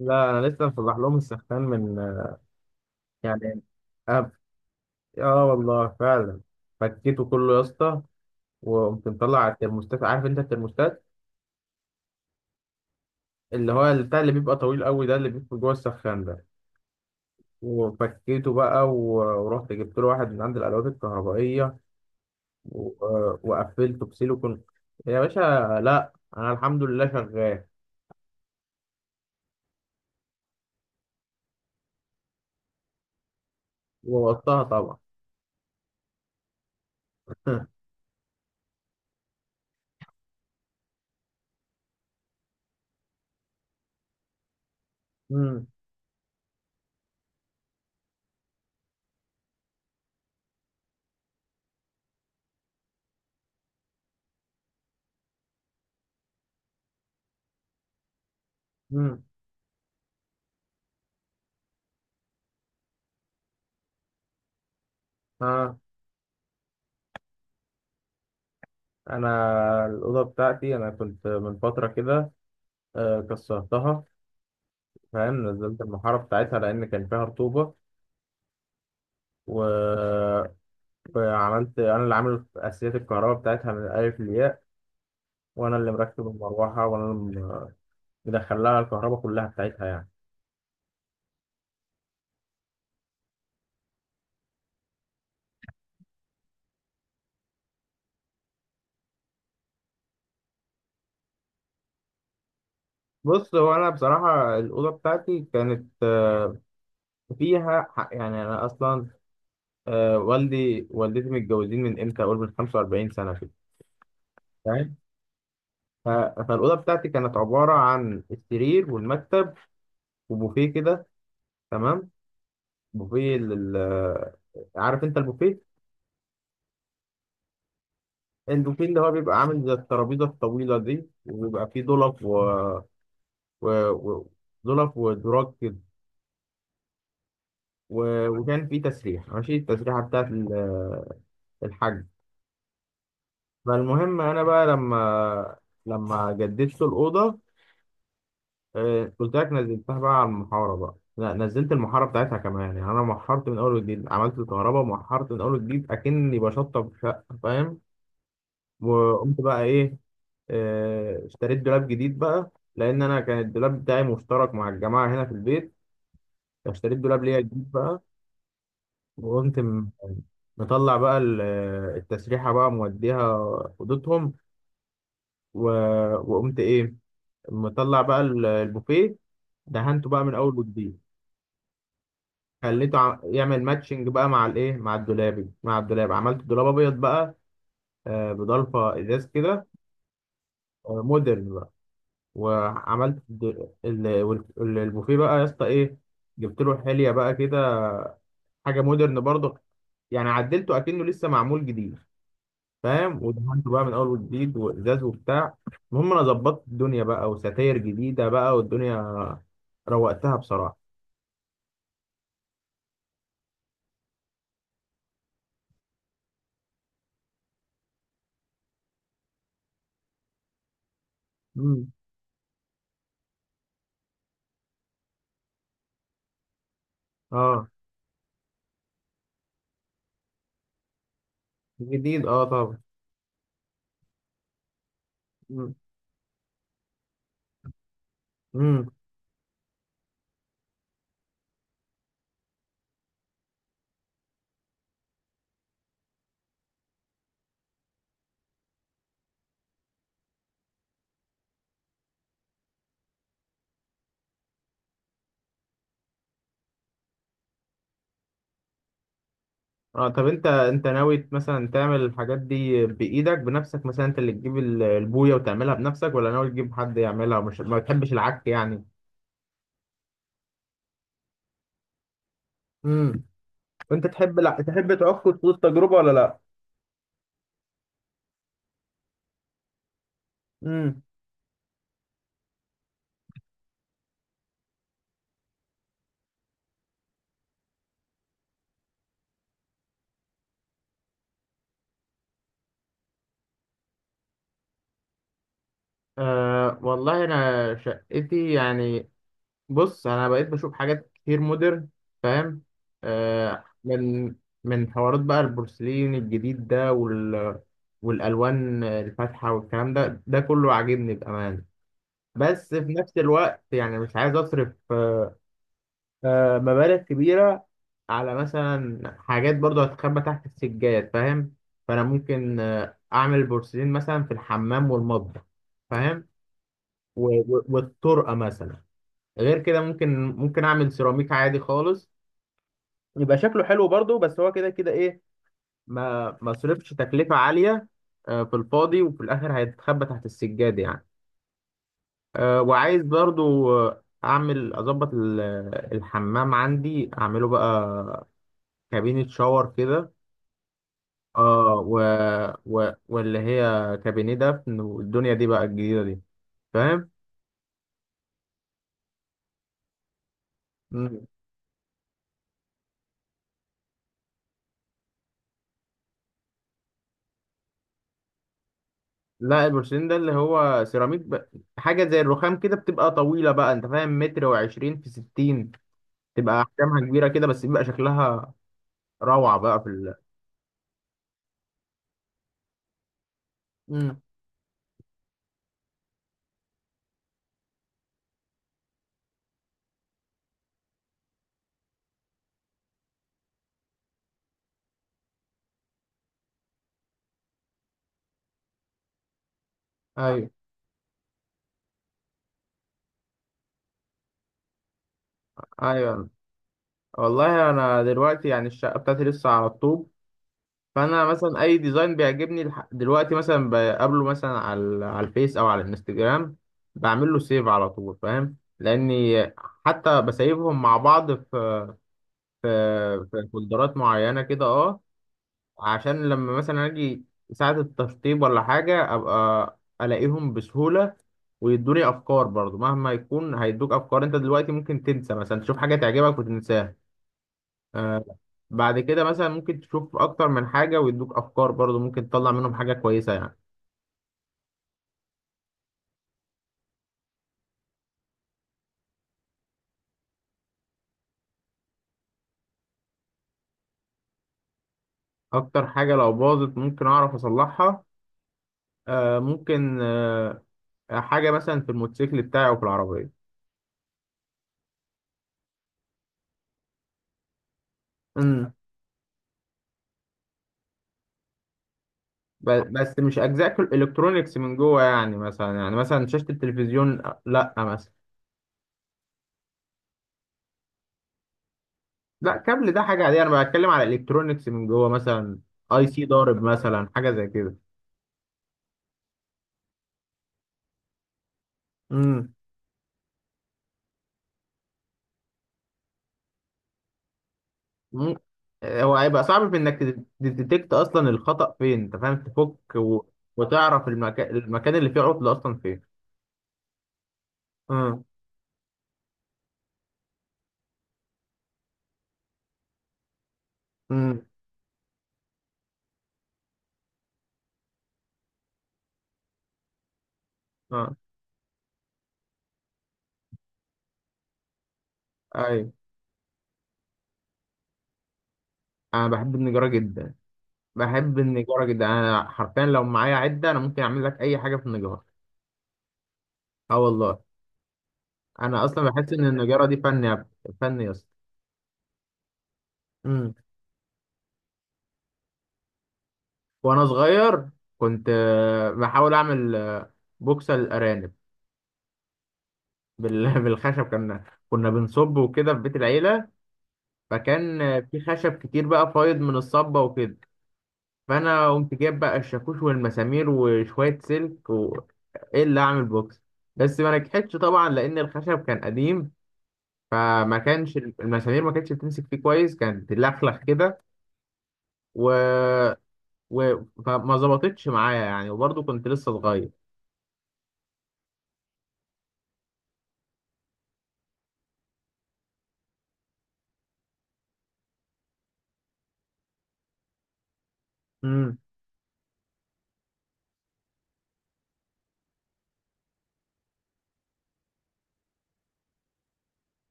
لا انا لسه مصلح لهم السخان من يعني أب... اه والله فعلا. فكيته كله يا اسطى، وقمت مطلع على الترموستات. عارف انت الترموستات اللي هو بتاع اللي بيبقى طويل قوي ده، اللي بيبقى جوه السخان ده. وفكيته بقى ورحت جبت له واحد من عند الادوات الكهربائيه، و... وقفلته بسيليكون يا باشا. لا انا الحمد لله شغال، ووطاها طبعا. امم، امم، ها. انا الاوضه بتاعتي انا كنت من فتره كده كسرتها، فاهم، نزلت المحارة بتاعتها لأن كان فيها رطوبة و... وعملت أنا اللي عامل أساسيات الكهرباء بتاعتها من الألف للياء، وأنا اللي مركب المروحة، وأنا اللي مدخل لها الكهرباء كلها بتاعتها يعني. بص، هو أنا بصراحة الأوضة بتاعتي كانت فيها حق. يعني أنا أصلا والدي والدتي متجوزين من إمتى، أقول من 45 سنة كده، فاهم. ف- فالأوضة بتاعتي كانت عبارة عن السرير والمكتب وبوفيه كده، تمام، بوفيه عارف انت البوفيه. البوفيه اللي هو بيبقى عامل زي الترابيزة الطويلة دي، وبيبقى فيه ضلف و... و... ضلف ودراج كده وكان فيه تسريحة، ماشي، التسريحة بتاعت الحاج. فالمهم أنا بقى لما جددت الأوضة، قلت لك نزلتها بقى على المحارة بقى، لا نزلت المحارة بتاعتها كمان. يعني أنا محرت من أول وجديد، عملت الكهرباء ومحرت من أول وجديد أكني بشطب شقة، فاهم. وقمت بقى ايه، اشتريت دولاب جديد بقى، لان انا كان الدولاب بتاعي مشترك مع الجماعه هنا في البيت. اشتريت دولاب ليا جديد بقى، وقمت مطلع بقى التسريحه، بقى موديها اوضتهم، و- وقمت ايه، مطلع بقى البوفيه، دهنته بقى من اول وجديد. خليته يعمل ماتشنج بقى مع الايه، مع الدولاب. عملت دولاب ابيض بقى، بضلفه ازاز كده، مودرن. وعملت البوفيه بقى يا اسطى ايه، جبت له حليه بقى كده، حاجه مودرن برضه. يعني عدلته اكنه لسه معمول جديد، فاهم، ودهنته بقى من اول وجديد وازاز وبتاع. المهم انا ظبطت الدنيا بقى، وستاير جديده بقى، والدنيا روقتها بصراحه. امم، اه، جديد اه طبعا، امم، امم، اه. طب انت، ناوي مثلا تعمل الحاجات دي بايدك بنفسك، مثلا انت اللي تجيب البويه وتعملها بنفسك، ولا ناوي تجيب حد يعملها، مش ما بتحبش العك يعني. امم. وانت تحب لا تحب تعك خطوط التجربه ولا لا. امم. أه والله انا شقتي يعني، بص انا بقيت بشوف حاجات كتير مودرن، فاهم، من حوارات بقى، البورسلين الجديد ده والالوان الفاتحه والكلام ده، كله عاجبني بامانه. بس في نفس الوقت يعني مش عايز اصرف أه آه، مبالغ كبيره على مثلا حاجات برضو هتخبى تحت السجاد، فاهم. فانا ممكن اعمل البورسلين مثلا في الحمام والمطبخ، فاهم، والطرقه مثلا. غير كده ممكن اعمل سيراميك عادي خالص، يبقى شكله حلو برضو. بس هو كده كده ايه، ما صرفش تكلفه عاليه في الفاضي، وفي الاخر هيتخبى تحت السجاد يعني. وعايز برضو اعمل اظبط الحمام عندي، اعمله بقى كابينة شاور كده، اه، واللي هي كابينيه دفن والدنيا دي بقى، الجديده دي، فاهم. مم. لا، البورسلين ده اللي هو سيراميك حاجه زي الرخام كده، بتبقى طويله بقى، انت فاهم، متر وعشرين في ستين، تبقى احجامها كبيره كده، بس بيبقى شكلها روعه بقى في مم. ايوه، ايوه. والله انا دلوقتي يعني الشقه بتاعتي لسه على الطوب، فانا مثلا اي ديزاين بيعجبني دلوقتي، مثلا بقابله مثلا على الفيس او على الانستجرام، بعمل له سيف على طول، فاهم، لاني حتى بسيبهم مع بعض في في فولدرات معينه كده، اه، عشان لما مثلا اجي ساعه التشطيب ولا حاجه، ابقى الاقيهم بسهوله، ويدوني افكار برضو. مهما يكون هيدوك افكار، انت دلوقتي ممكن تنسى، مثلا تشوف حاجه تعجبك وتنساها، آه، بعد كده مثلا ممكن تشوف اكتر من حاجة، ويدوك افكار برضو، ممكن تطلع منهم حاجة كويسة يعني. اكتر حاجة لو باظت ممكن اعرف اصلحها، آه ممكن آه حاجة مثلا في الموتوسيكل بتاعي، او في العربية. امم. بس مش اجزاء الكترونيكس من جوه، يعني مثلا، شاشة التلفزيون لا مثلا. لا كابل ده حاجة عادية، انا بتكلم على الكترونيكس من جوه، مثلا IC ضارب مثلا، حاجة زي كده. مم. هو هيبقى صعب في انك تديتكت اصلا الخطأ فين، انت فاهم، تفك وتعرف المكان، اللي فيه عطل اصلا فين. اه. امم، اه. ايوه، انا بحب النجارة جدا، بحب النجارة جدا، انا حرفيا لو معايا عدة انا ممكن اعمل لك اي حاجة في النجارة. اه والله، انا اصلا بحس ان النجارة دي فن يا اسطى. امم. وانا صغير كنت بحاول اعمل بوكسة للارانب، بالخشب. كنا بنصب وكده في بيت العيلة، فكان في خشب كتير بقى فايض من الصبة وكده، فأنا قمت جايب بقى الشاكوش والمسامير وشوية سلك إيه اللي أعمل بوكس. بس ما نجحتش طبعا لأن الخشب كان قديم، فما كانش المسامير ما كانتش بتمسك فيه كويس، كانت تلخلخ كده و... فما ظبطتش معايا يعني، وبرضه كنت لسه صغير. امم،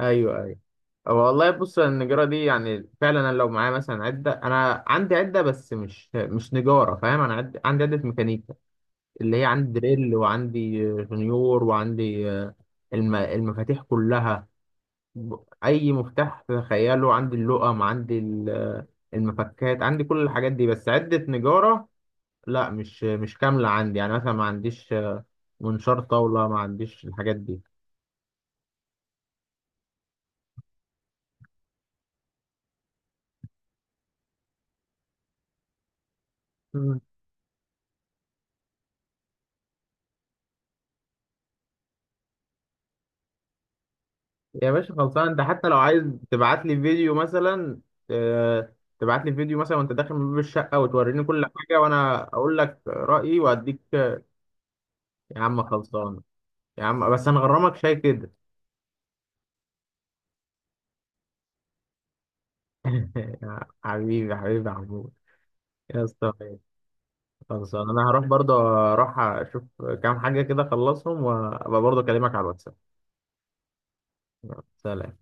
ايوه، ايوه. والله بص النجارة دي يعني فعلا، انا لو معايا مثلا عدة، انا عندي عدة بس مش نجارة، فاهم، انا عندي عدة ميكانيكا، اللي هي عندي دريل، وعندي جونيور، وعندي المفاتيح كلها، ب- اي مفتاح تخيله عندي، اللقم عندي المفكات عندي، كل الحاجات دي، بس عدة نجارة لا، مش كاملة عندي. يعني مثلا ما عنديش منشار طاولة، ما عنديش الحاجات دي. مم. يا باشا خلصان، انت حتى لو عايز تبعت لي فيديو مثلا آه، تبعت لي فيديو مثلا، وانت داخل من باب الشقة وتوريني كل حاجة، وانا اقول لك رأيي واديك يا عم خلصان، يا عم بس انا غرامك شاي كده. يا حبيبي حبيبي يا محمود، يا اسطى ماشي. خلصان، انا هروح برضه اروح اشوف كام حاجه كده، اخلصهم وابقى برضه اكلمك على الواتساب. سلام.